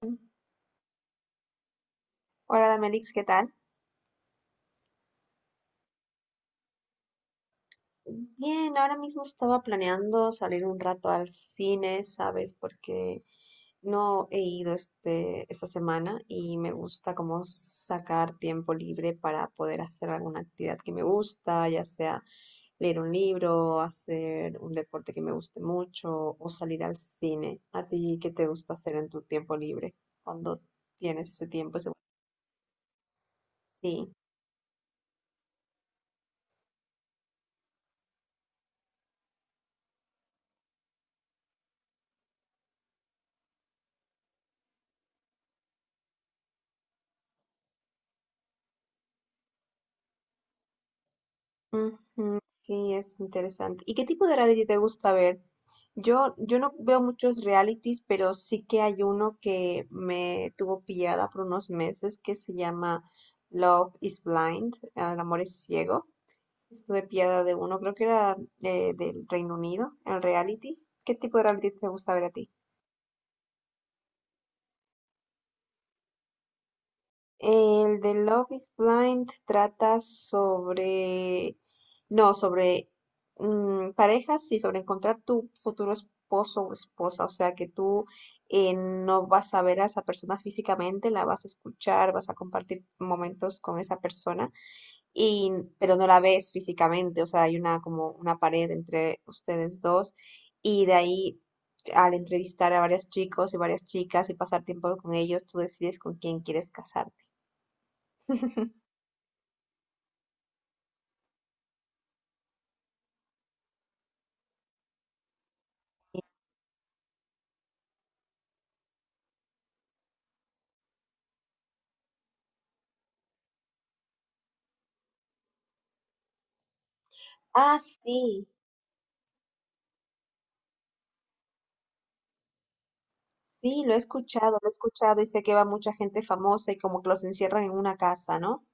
Hola Damelix, ¿qué tal? Bien, ahora mismo estaba planeando salir un rato al cine, ¿sabes? Porque no he ido esta semana y me gusta como sacar tiempo libre para poder hacer alguna actividad que me gusta, ya sea leer un libro, hacer un deporte que me guste mucho o salir al cine. ¿A ti qué te gusta hacer en tu tiempo libre cuando tienes ese tiempo? Sí. Ujú, sí, es interesante. ¿Y qué tipo de reality te gusta ver? Yo no veo muchos realities, pero sí que hay uno que me tuvo pillada por unos meses que se llama Love is Blind, ah, el amor es ciego. Estuve pillada de uno, creo que era del Reino Unido, el reality. ¿Qué tipo de reality te gusta ver a ti? El de Love is Blind trata sobre, no, sobre parejas y sobre encontrar tu futuro esposo o esposa. O sea, que tú no vas a ver a esa persona físicamente, la vas a escuchar, vas a compartir momentos con esa persona, y, pero no la ves físicamente. O sea, hay una como una pared entre ustedes dos, y de ahí, al entrevistar a varios chicos y varias chicas y pasar tiempo con ellos, tú decides con quién quieres casarte. Ah, sí, sí, lo he escuchado y sé que va mucha gente famosa y como que los encierran en una casa, ¿no?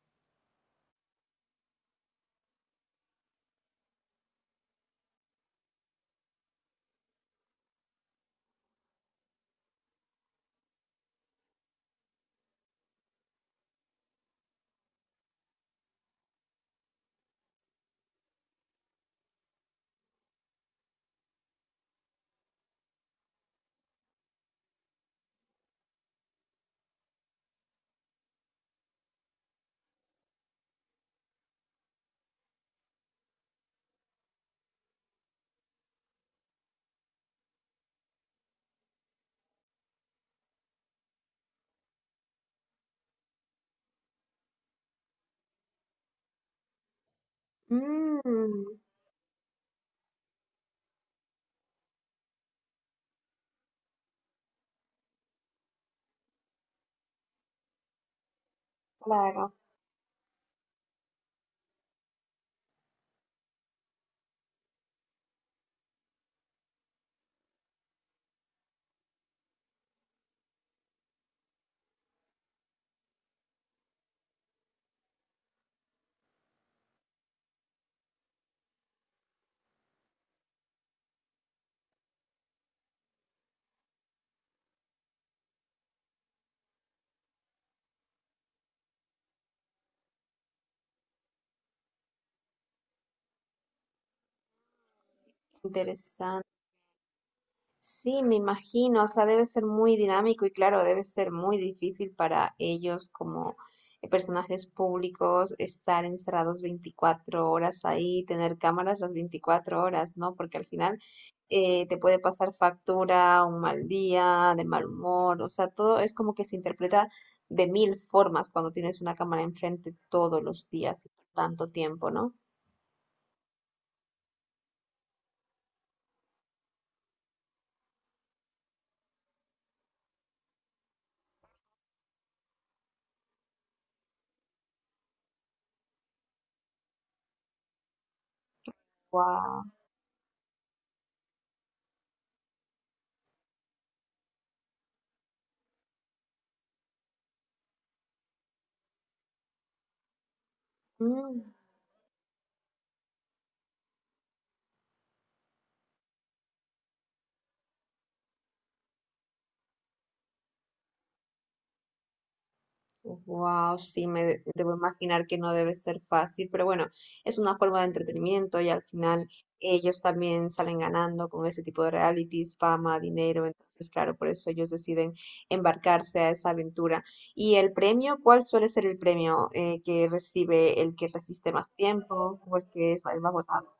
Mmm, claro, interesante. Sí, me imagino, o sea, debe ser muy dinámico y claro, debe ser muy difícil para ellos como personajes públicos estar encerrados 24 horas ahí, tener cámaras las 24 horas, ¿no? Porque al final te puede pasar factura, un mal día, de mal humor, o sea, todo es como que se interpreta de mil formas cuando tienes una cámara enfrente todos los días y por tanto tiempo, ¿no? Wow. Wow, sí, me debo imaginar que no debe ser fácil, pero bueno, es una forma de entretenimiento y al final ellos también salen ganando con ese tipo de realities, fama, dinero, entonces claro, por eso ellos deciden embarcarse a esa aventura. ¿Y el premio? ¿Cuál suele ser el premio que recibe el que resiste más tiempo o el que es el más votado?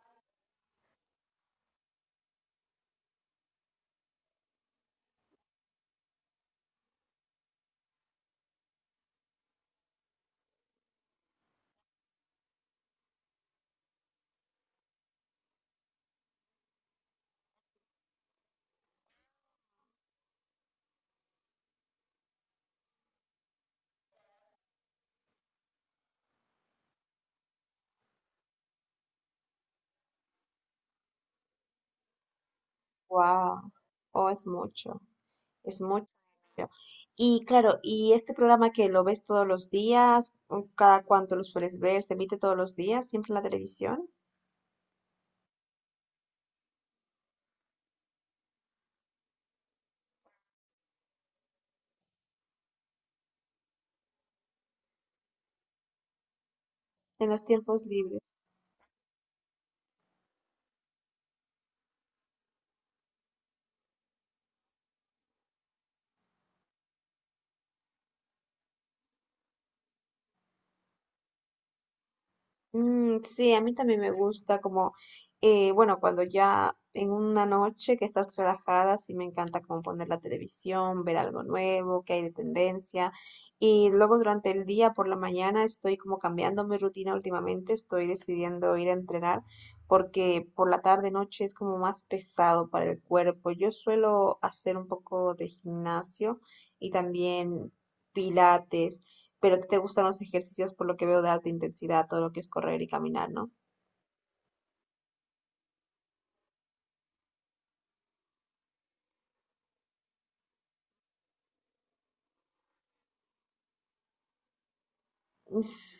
Wow, oh, es mucho. Es mucho dinero. Y claro, ¿y este programa que lo ves todos los días? ¿O cada cuánto lo sueles ver? Se emite todos los días, siempre en la televisión. En los tiempos libres. Mm, sí, a mí también me gusta como, bueno, cuando ya en una noche que estás relajada, sí me encanta como poner la televisión, ver algo nuevo, que hay de tendencia. Y luego durante el día, por la mañana, estoy como cambiando mi rutina últimamente, estoy decidiendo ir a entrenar porque por la tarde, noche es como más pesado para el cuerpo. Yo suelo hacer un poco de gimnasio y también pilates. Pero a te gustan los ejercicios, por lo que veo, de alta intensidad, todo lo que es correr y caminar, ¿no?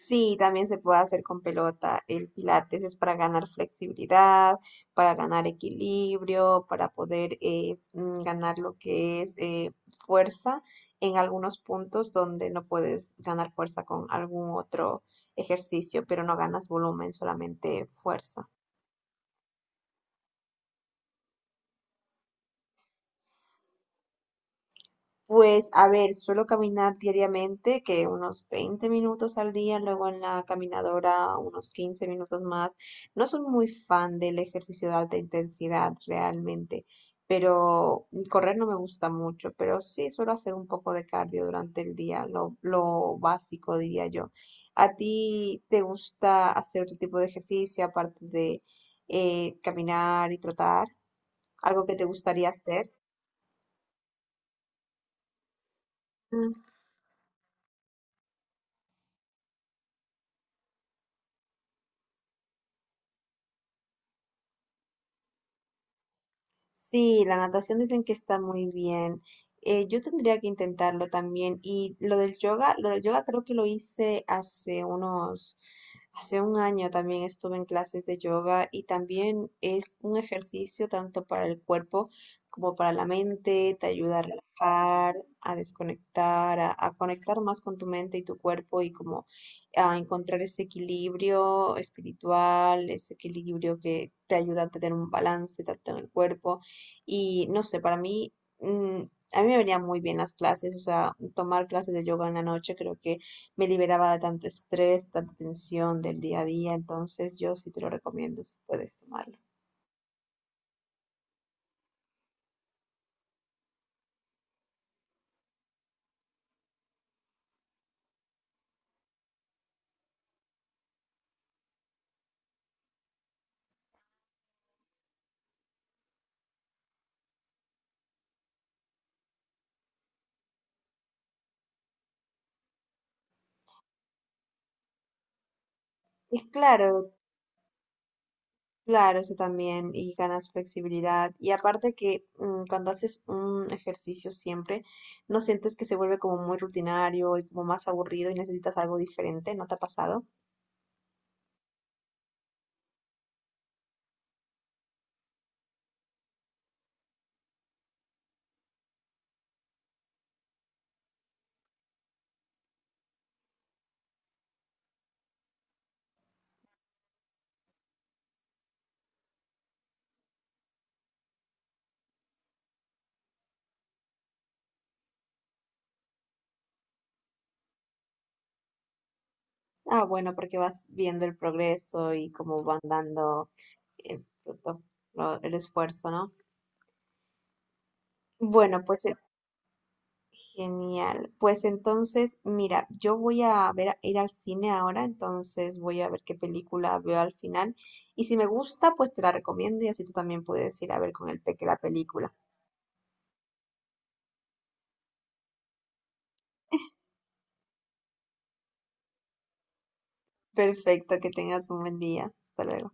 Sí, también se puede hacer con pelota. El pilates es para ganar flexibilidad, para ganar equilibrio, para poder ganar lo que es fuerza en algunos puntos donde no puedes ganar fuerza con algún otro ejercicio, pero no ganas volumen, solamente fuerza. Pues, a ver, suelo caminar diariamente, que unos 20 minutos al día, luego en la caminadora unos 15 minutos más. No soy muy fan del ejercicio de alta intensidad realmente, pero correr no me gusta mucho, pero sí suelo hacer un poco de cardio durante el día, lo básico diría yo. ¿A ti te gusta hacer otro tipo de ejercicio aparte de caminar y trotar? ¿Algo que te gustaría hacer? Sí, la natación dicen que está muy bien. Yo tendría que intentarlo también. Y lo del yoga creo que lo hice hace unos, hace un año también estuve en clases de yoga y también es un ejercicio tanto para el cuerpo como para la mente, te ayuda a relajar, a desconectar, a conectar más con tu mente y tu cuerpo y como a encontrar ese equilibrio espiritual, ese equilibrio que te ayuda a tener un balance tanto en el cuerpo y no sé, para mí, mm, a mí me venían muy bien las clases, o sea, tomar clases de yoga en la noche creo que me liberaba de tanto estrés, tanta tensión del día a día, entonces yo sí te lo recomiendo si puedes tomarlo. Y claro, claro, eso también, y ganas flexibilidad, y aparte que, cuando haces un ejercicio siempre, ¿no sientes que se vuelve como muy rutinario y como más aburrido y necesitas algo diferente? ¿No te ha pasado? Ah, bueno, porque vas viendo el progreso y cómo van dando el fruto, el esfuerzo, ¿no? Bueno, pues genial. Pues entonces, mira, yo voy a ver, ir al cine ahora, entonces voy a ver qué película veo al final. Y si me gusta, pues te la recomiendo y así tú también puedes ir a ver con el peque la película. Perfecto, que tengas un buen día. Hasta luego.